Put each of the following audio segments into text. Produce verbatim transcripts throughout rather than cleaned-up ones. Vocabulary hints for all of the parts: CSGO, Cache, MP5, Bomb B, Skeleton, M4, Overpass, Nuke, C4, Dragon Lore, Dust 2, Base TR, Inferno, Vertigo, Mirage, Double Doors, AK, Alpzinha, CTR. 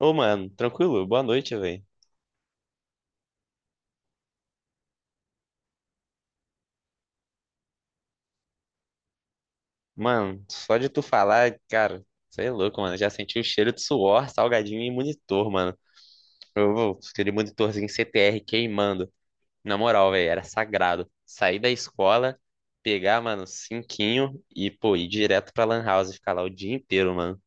Ô, mano, tranquilo? Boa noite, velho. Mano, só de tu falar, cara, você é louco, mano. Já senti o cheiro de suor, salgadinho e monitor, mano. Eu, eu, aquele monitorzinho C T R queimando. Na moral, velho, era sagrado. Sair da escola, pegar, mano, cinquinho e, pô, ir direto pra Lan House e ficar lá o dia inteiro, mano.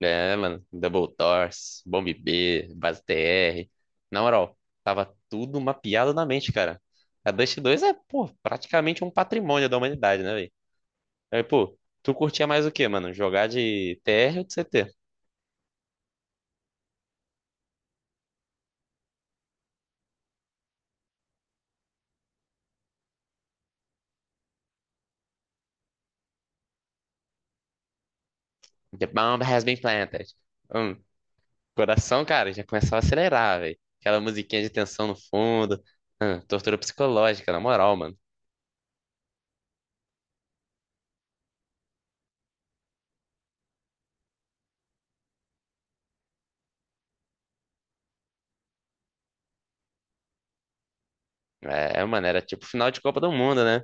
É, mano, Double Doors, Bomb B, Base T R. Na moral, tava tudo mapeado na mente, cara. A Dust dois é, pô, praticamente um patrimônio da humanidade, né. Aí, pô, tu curtia mais o quê, mano? Jogar de T R ou de C T? The bomb has been planted. Hum, Coração, cara, já começava a acelerar, velho. Aquela musiquinha de tensão no fundo. Hum, tortura psicológica, na moral, mano. É, mano, era tipo final de Copa do Mundo, né?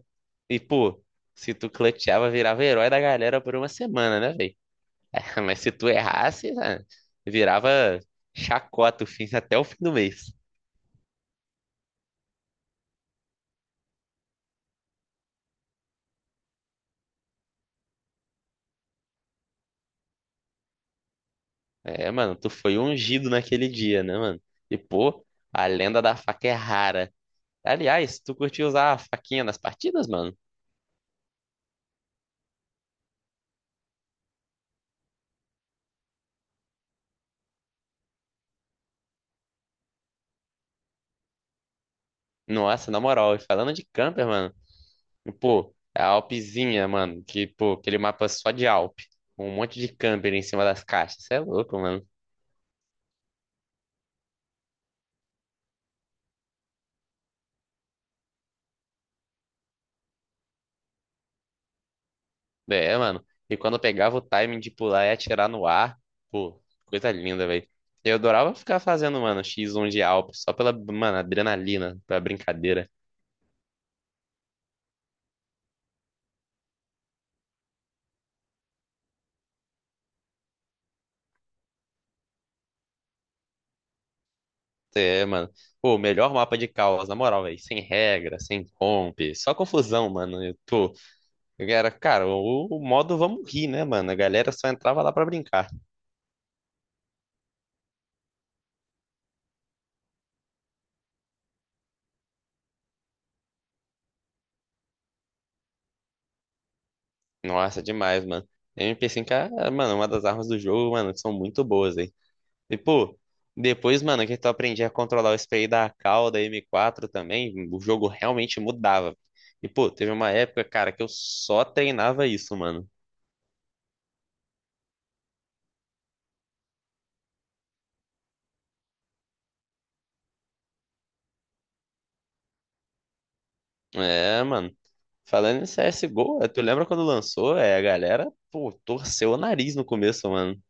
E, pô, se tu clutchava, virava herói da galera por uma semana, né, velho? Mas se tu errasse, né, virava chacota o fim, até o fim do mês. É, mano, tu foi ungido naquele dia, né, mano? E, pô, a lenda da faca é rara. Aliás, tu curtiu usar a faquinha nas partidas, mano? Nossa, na moral, e falando de camper, mano, pô, a Alpzinha, mano, que, pô, aquele mapa só de Alp, com um monte de camper em cima das caixas, cê é louco, mano. É, mano, e quando eu pegava o timing de pular e atirar no ar, pô, coisa linda, velho. Eu adorava ficar fazendo, mano, X um de Alp, só pela, mano, adrenalina, pela brincadeira. É, mano. Pô, o melhor mapa de caos, na moral, velho. Sem regra, sem comp, só confusão, mano. Eu tô. Eu Era, cara, o, o modo vamos rir, né, mano? A galera só entrava lá pra brincar. Nossa, demais, mano. M P cinco é, mano, uma das armas do jogo, mano, que são muito boas, hein? E, pô, depois, mano, que tu aprendia a controlar o spray da A K, da M quatro também, o jogo realmente mudava. E, pô, teve uma época, cara, que eu só treinava isso, mano. É, mano. Falando em C S G O, é, tu lembra quando lançou? É, a galera, pô, torceu o nariz no começo, mano.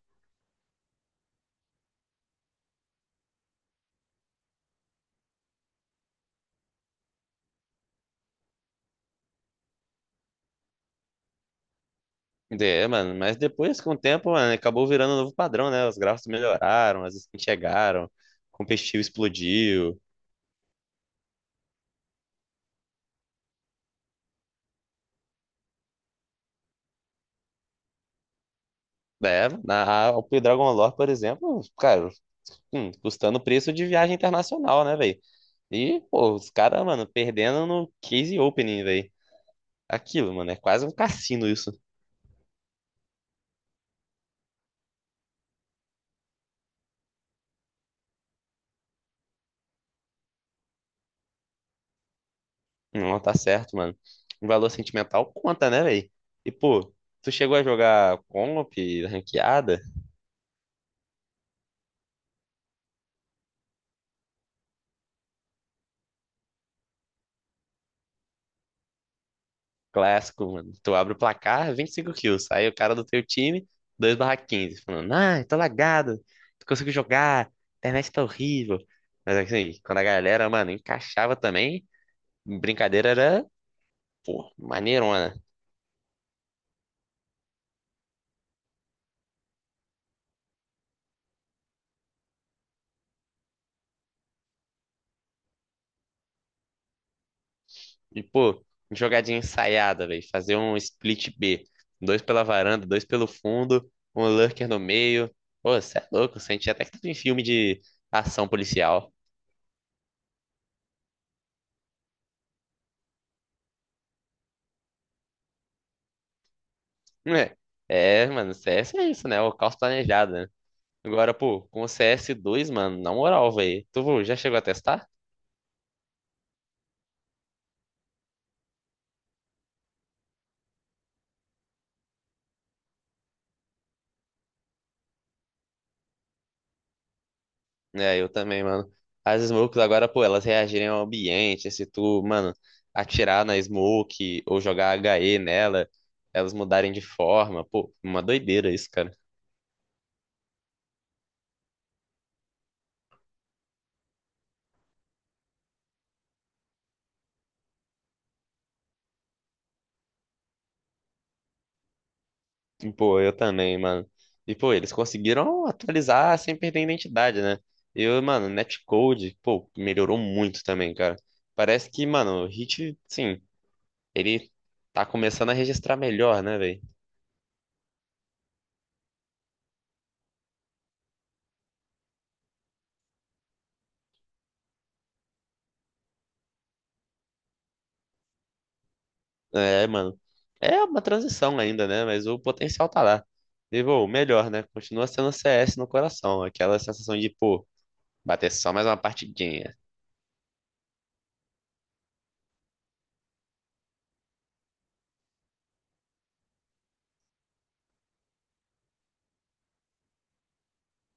É, mano, mas depois, com o tempo, mano, acabou virando um novo padrão, né? Os gráficos melhoraram, as skins chegaram, o competitivo explodiu. É, na, a- o Dragon Lore, por exemplo, cara, hum, custando o preço de viagem internacional, né, velho? E, pô, os caras, mano, perdendo no Case Opening, velho. Aquilo, mano, é quase um cassino isso. Não, tá certo, mano. O valor sentimental conta, né, velho? E, pô, tu chegou a jogar comp, ranqueada. Clássico, mano. Tu abre o placar, vinte e cinco kills. Aí o cara do teu time, dois barra quinze, falando, ah, tô lagado, não consigo jogar, a internet tá horrível. Mas assim, quando a galera, mano, encaixava também, brincadeira era, pô, maneirona. E, pô, jogadinha ensaiada, velho. Fazer um split B. Dois pela varanda, dois pelo fundo, um lurker no meio. Pô, você é louco, senti até que tava em filme de ação policial. Hum, É, é, mano, C S é isso, né? É o caos planejado, né? Agora, pô, com o c s dois mano, na moral, velho. Tu já chegou a testar? É, eu também, mano. As smokes agora, pô, elas reagirem ao ambiente. Se tu, mano, atirar na smoke ou jogar H E nela, elas mudarem de forma. Pô, uma doideira isso, cara. E, pô, eu também, mano. E, pô, eles conseguiram atualizar sem perder a identidade, né? Eu, mano, netcode, pô, melhorou muito também, cara. Parece que, mano, o Hit, sim, ele tá começando a registrar melhor, né, velho? É, mano. É uma transição ainda, né? Mas o potencial tá lá. E, pô, o melhor, né? Continua sendo C S no coração. Aquela sensação de, pô, bater só mais uma partidinha.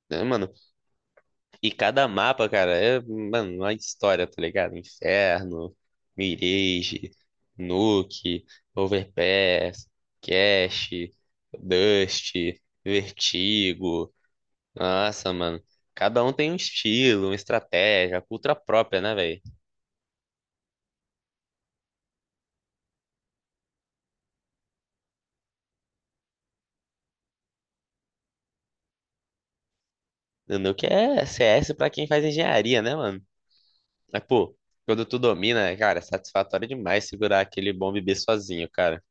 Né, mano? E cada mapa, cara, é, mano, uma história, tá ligado? Inferno, Mirage, Nuke, Overpass, Cache, Dust, Vertigo. Nossa, mano. Cada um tem um estilo, uma estratégia, a cultura própria, né, velho? O Nuke é C S pra quem faz engenharia, né, mano? Mas, pô, quando tu domina, cara, é satisfatório demais segurar aquele bom bebê sozinho, cara.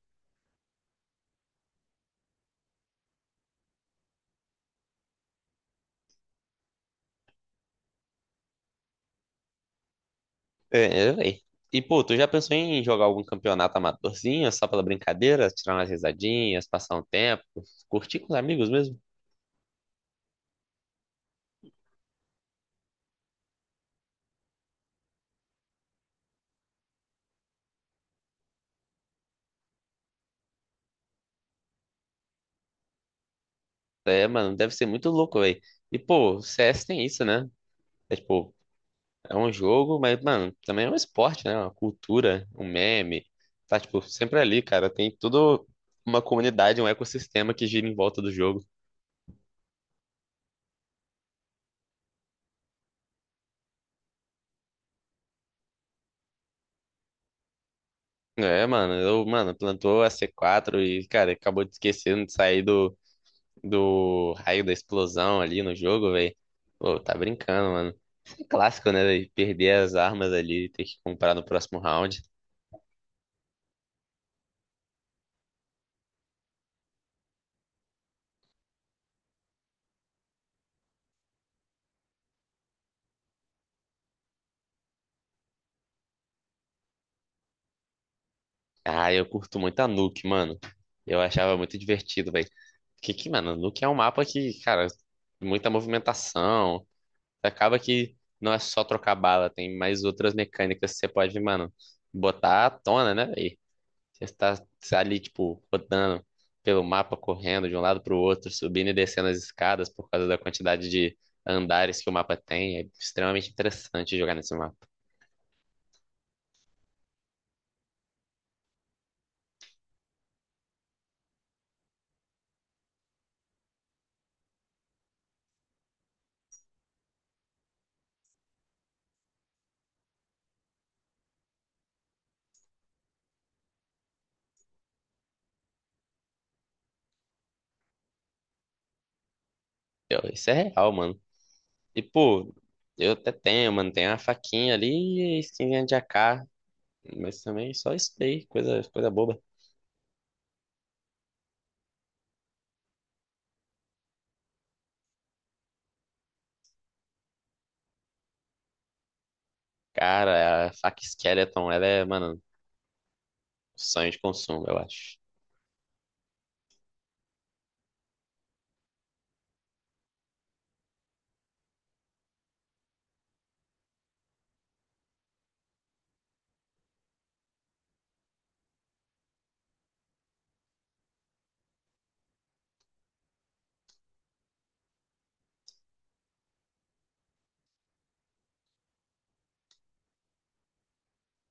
É, é, véi. E, pô, tu já pensou em jogar algum campeonato amadorzinho, só pela brincadeira, tirar umas risadinhas, passar um tempo, curtir com os amigos mesmo? É, mano, deve ser muito louco, velho. E, pô, o C S tem isso, né? É, tipo, é um jogo, mas, mano, também é um esporte, né? Uma cultura, um meme. Tá, tipo, sempre ali, cara. Tem toda uma comunidade, um ecossistema que gira em volta do jogo. É, mano, eu, mano, plantou a C quatro e, cara, acabou de esquecendo de sair do, do raio da explosão ali no jogo, velho. Pô, tá brincando, mano. Isso é clássico, né? Véi? Perder as armas ali e ter que comprar no próximo round. Ah, eu curto muito a Nuke, mano. Eu achava muito divertido, velho. Que, que, mano, Nuke é um mapa que, cara, muita movimentação. Acaba que não é só trocar bala, tem mais outras mecânicas que você pode, mano, botar à tona, né, velho? Você está ali, tipo, rodando pelo mapa, correndo de um lado pro outro, subindo e descendo as escadas por causa da quantidade de andares que o mapa tem. É extremamente interessante jogar nesse mapa. Eu- isso é real, mano. E, pô, eu até tenho, mano, tem uma faquinha ali e a skinzinha de A K, mas também só isso aí, coisa, coisa boba. Cara, a faca Skeleton, ela é, mano, sonho de consumo, eu acho.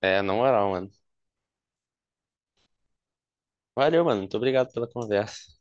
É, na moral, mano. Valeu, mano. Muito obrigado pela conversa.